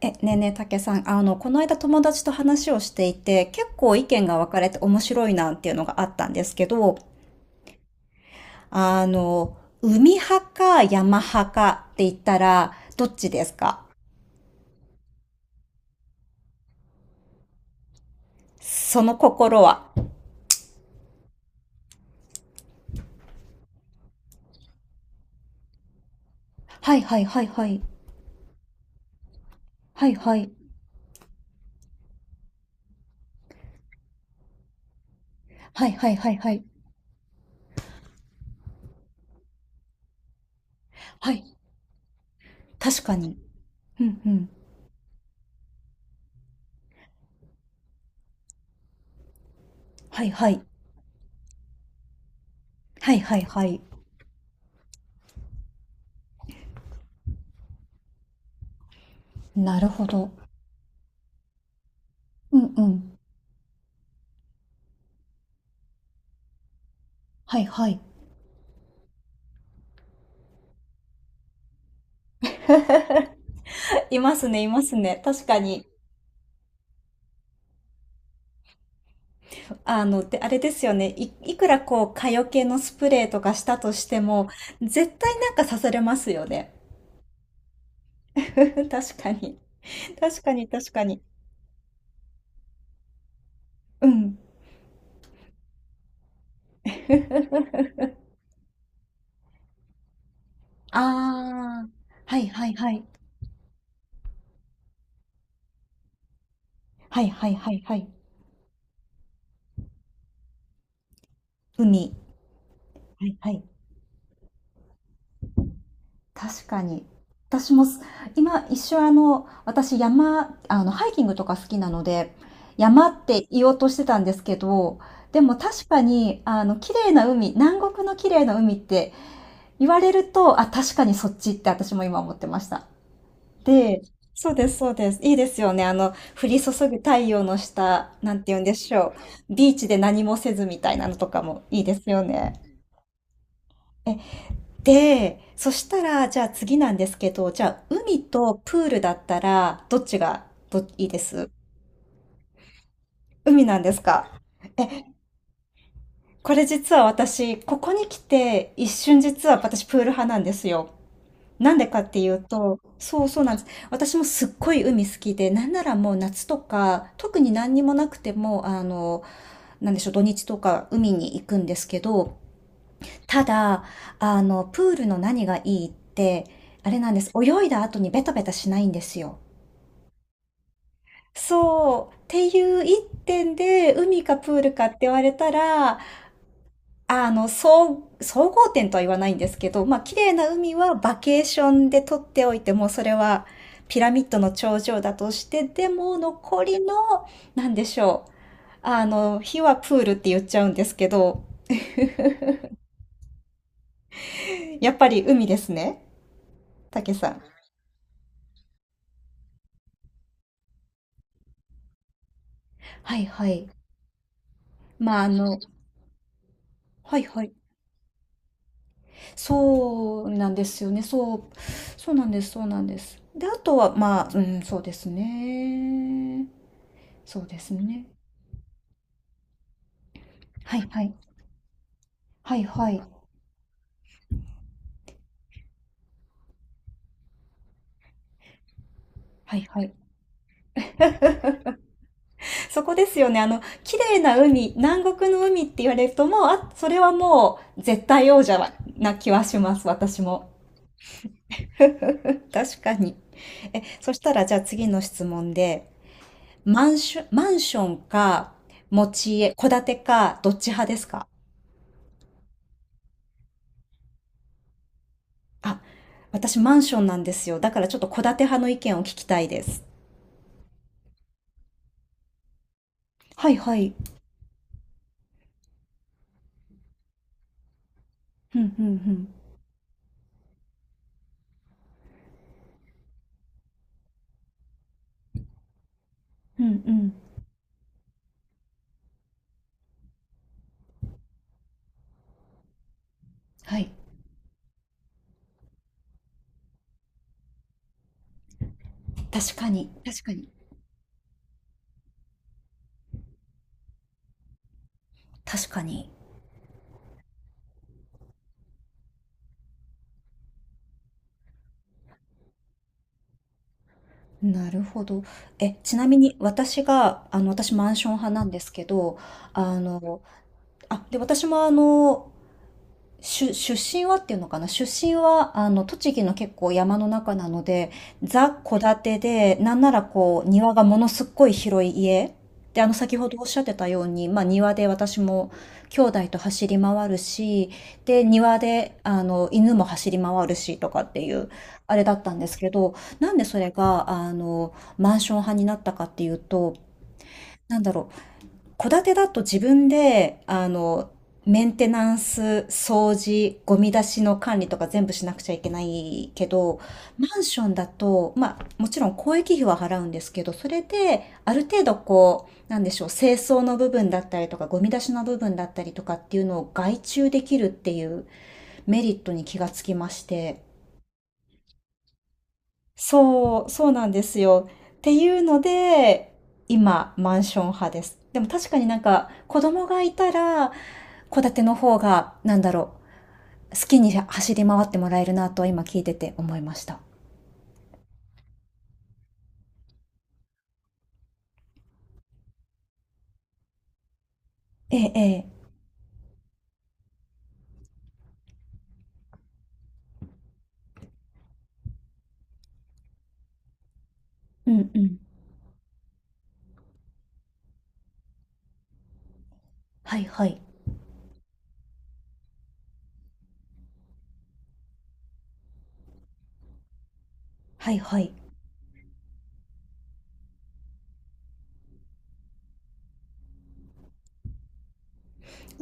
ねえねえ、たけさん、この間友達と話をしていて、結構意見が分かれて面白いなっていうのがあったんですけど、あの、海派か山派かって言ったら、どっちですか？その心は。はいはいはいはい。はいはい。はいはいはいはい。はい。確かに。うんうん。はいはい。はいはいはい。なるほど。うんうん。はいはい。いますね、いますね。確かに。で、あれですよね。いくらこう、蚊よけのスプレーとかしたとしても、絶対なんか刺されますよね。確かに。確かに、確かに。うん。ああ、はいはいはい。はいはいはいはい。海。はいはい。確かに。私もす、今一瞬ハイキングとか好きなので、山って言おうとしてたんですけど、でも確かに、綺麗な海、南国の綺麗な海って言われると、あ、確かにそっちって私も今思ってました。で、そうです、そうです。いいですよね。降り注ぐ太陽の下、なんて言うんでしょう。ビーチで何もせずみたいなのとかもいいですよね。え、で、そしたら、じゃあ次なんですけど、じゃあ海とプールだったら、どっちが、いいです、海なんですか？え、これ実は私、ここに来て、一瞬実は私プール派なんですよ。なんでかっていうと、そうそうなんです。私もすっごい海好きで、なんならもう夏とか、特に何にもなくても、なんでしょう、土日とか海に行くんですけど、ただ、プールの何がいいって、あれなんです。泳いだ後にベタベタしないんですよ。そう。っていう一点で、海かプールかって言われたら、総合点とは言わないんですけど、まあ、綺麗な海はバケーションで撮っておいても、それはピラミッドの頂上だとして、でも残りの、なんでしょう。火はプールって言っちゃうんですけど、やっぱり海ですね。竹さん。はいはい。まあ、はいはい。そうなんですよね。そう、そうなんです、そうなんです。で、あとは、まあ、うん、そうですね。そうですね。はいはい。はいはい。はいはい。そこですよね。綺麗な海、南国の海って言われるともう、あ、それはもう絶対王者な気はします、私も。確かに。そしたらじゃあ次の質問で、マンションか、持ち家、戸建てか、どっち派ですかあ、私マンションなんですよ。だからちょっと戸建て派の意見を聞きたいです。はいはい。うんうんうん。うんうん。はい。確かに。確かに。確かに。なるほど。ちなみに私が、私マンション派なんですけど、あの、あ、で、私も出身はっていうのかな、出身は、栃木の結構山の中なので、ザ・戸建てで、なんならこう、庭がものすっごい広い家。で、先ほどおっしゃってたように、まあ、庭で私も兄弟と走り回るし、で、庭で、犬も走り回るし、とかっていう、あれだったんですけど、なんでそれが、マンション派になったかっていうと、なんだろう、戸建てだと自分で、メンテナンス、掃除、ゴミ出しの管理とか全部しなくちゃいけないけど、マンションだと、まあ、もちろん公益費は払うんですけど、それで、ある程度こう、なんでしょう、清掃の部分だったりとか、ゴミ出しの部分だったりとかっていうのを外注できるっていうメリットに気がつきまして、そう、そうなんですよ。っていうので、今、マンション派です。でも確かになんか、子供がいたら、戸建ての方が、なんだろう、好きに走り回ってもらえるなと今聞いてて思いました。ええ、ええ。うんうん。はいはい。はいはい。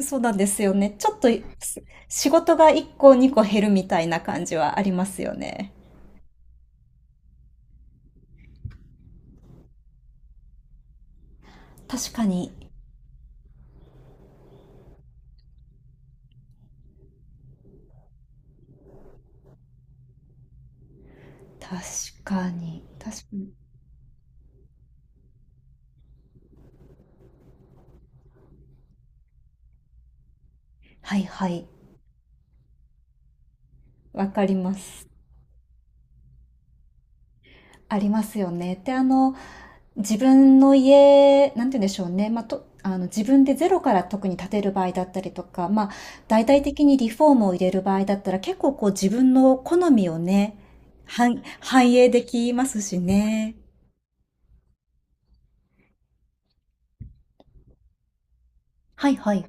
そうなんですよね。ちょっと、す仕事が1個2個減るみたいな感じはありますよね。確かに。確かに。確かに。はいはい。わかります。ありますよね。で、自分の家、なんて言うんでしょうね。まあ、自分でゼロから特に建てる場合だったりとか、まあ、大々的にリフォームを入れる場合だったら、結構こう自分の好みをね、反映できますしね。はいはい。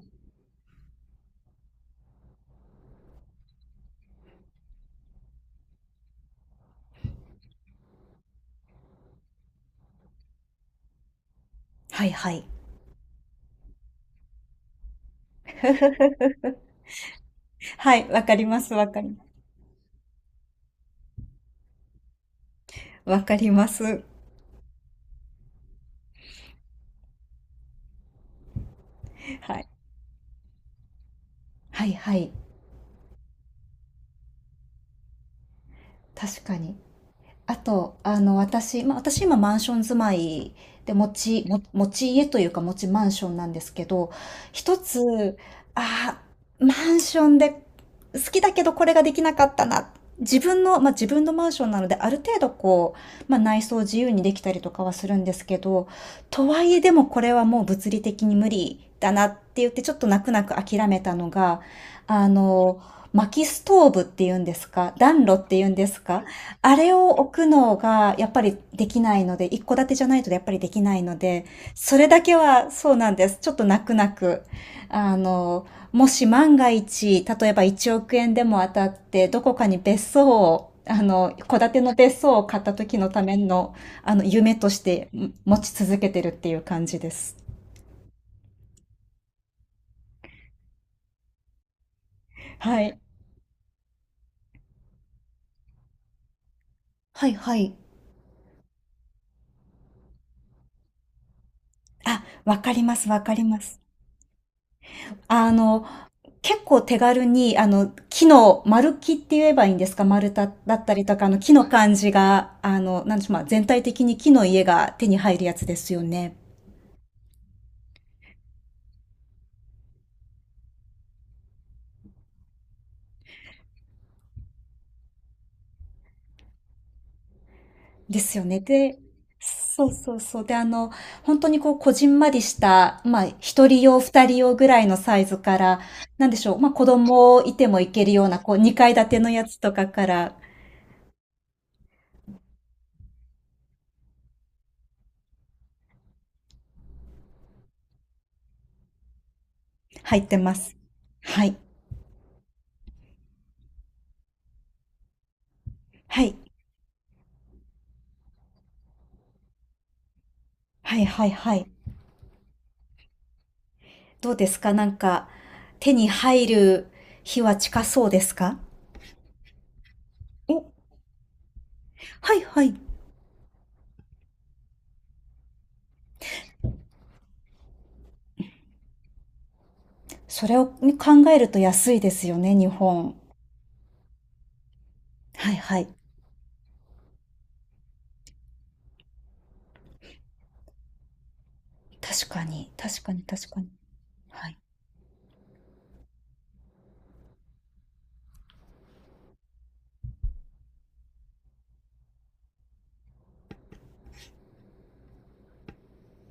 はいはい。はい、わかります、わかります。はい。はいはい。確かに。あと、私、まあ、私今マンション住まいで、も持ち家というか持ちマンションなんですけど、一つ、あマンションで好きだけどこれができなかったな。自分の、まあ、自分のマンションなので、ある程度こう、まあ、内装自由にできたりとかはするんですけど、とはいえでもこれはもう物理的に無理だなって言ってちょっと泣く泣く諦めたのが、あの、薪ストーブっていうんですか、暖炉っていうんですか、あれを置くのがやっぱりできないので、一戸建てじゃないとやっぱりできないので、それだけはそうなんです。ちょっと泣く泣く。あの、もし万が一、例えば1億円でも当たって、どこかに別荘を、戸建ての別荘を買った時のための、夢としてん持ち続けてるっていう感じです。はい。はいはい。あ、わかります、わかります。あの、結構手軽に、木の、丸木って言えばいいんですか、丸太だったりとか、木の感じが、なんでしょう、まあ、全体的に木の家が手に入るやつですよね。ですよね。で、そうそうそう。で、本当にこう、こじんまりした、まあ、一人用、二人用ぐらいのサイズから、なんでしょう、まあ、子供いてもいけるような、こう、二階建てのやつとかから入ってます。はい。はい。はい、はい、はい。どうですかなんか、手に入る日は近そうですかお、はいはい。それを考えると安いですよね、日本。はいはい。確かに、確かに、確かに。はい。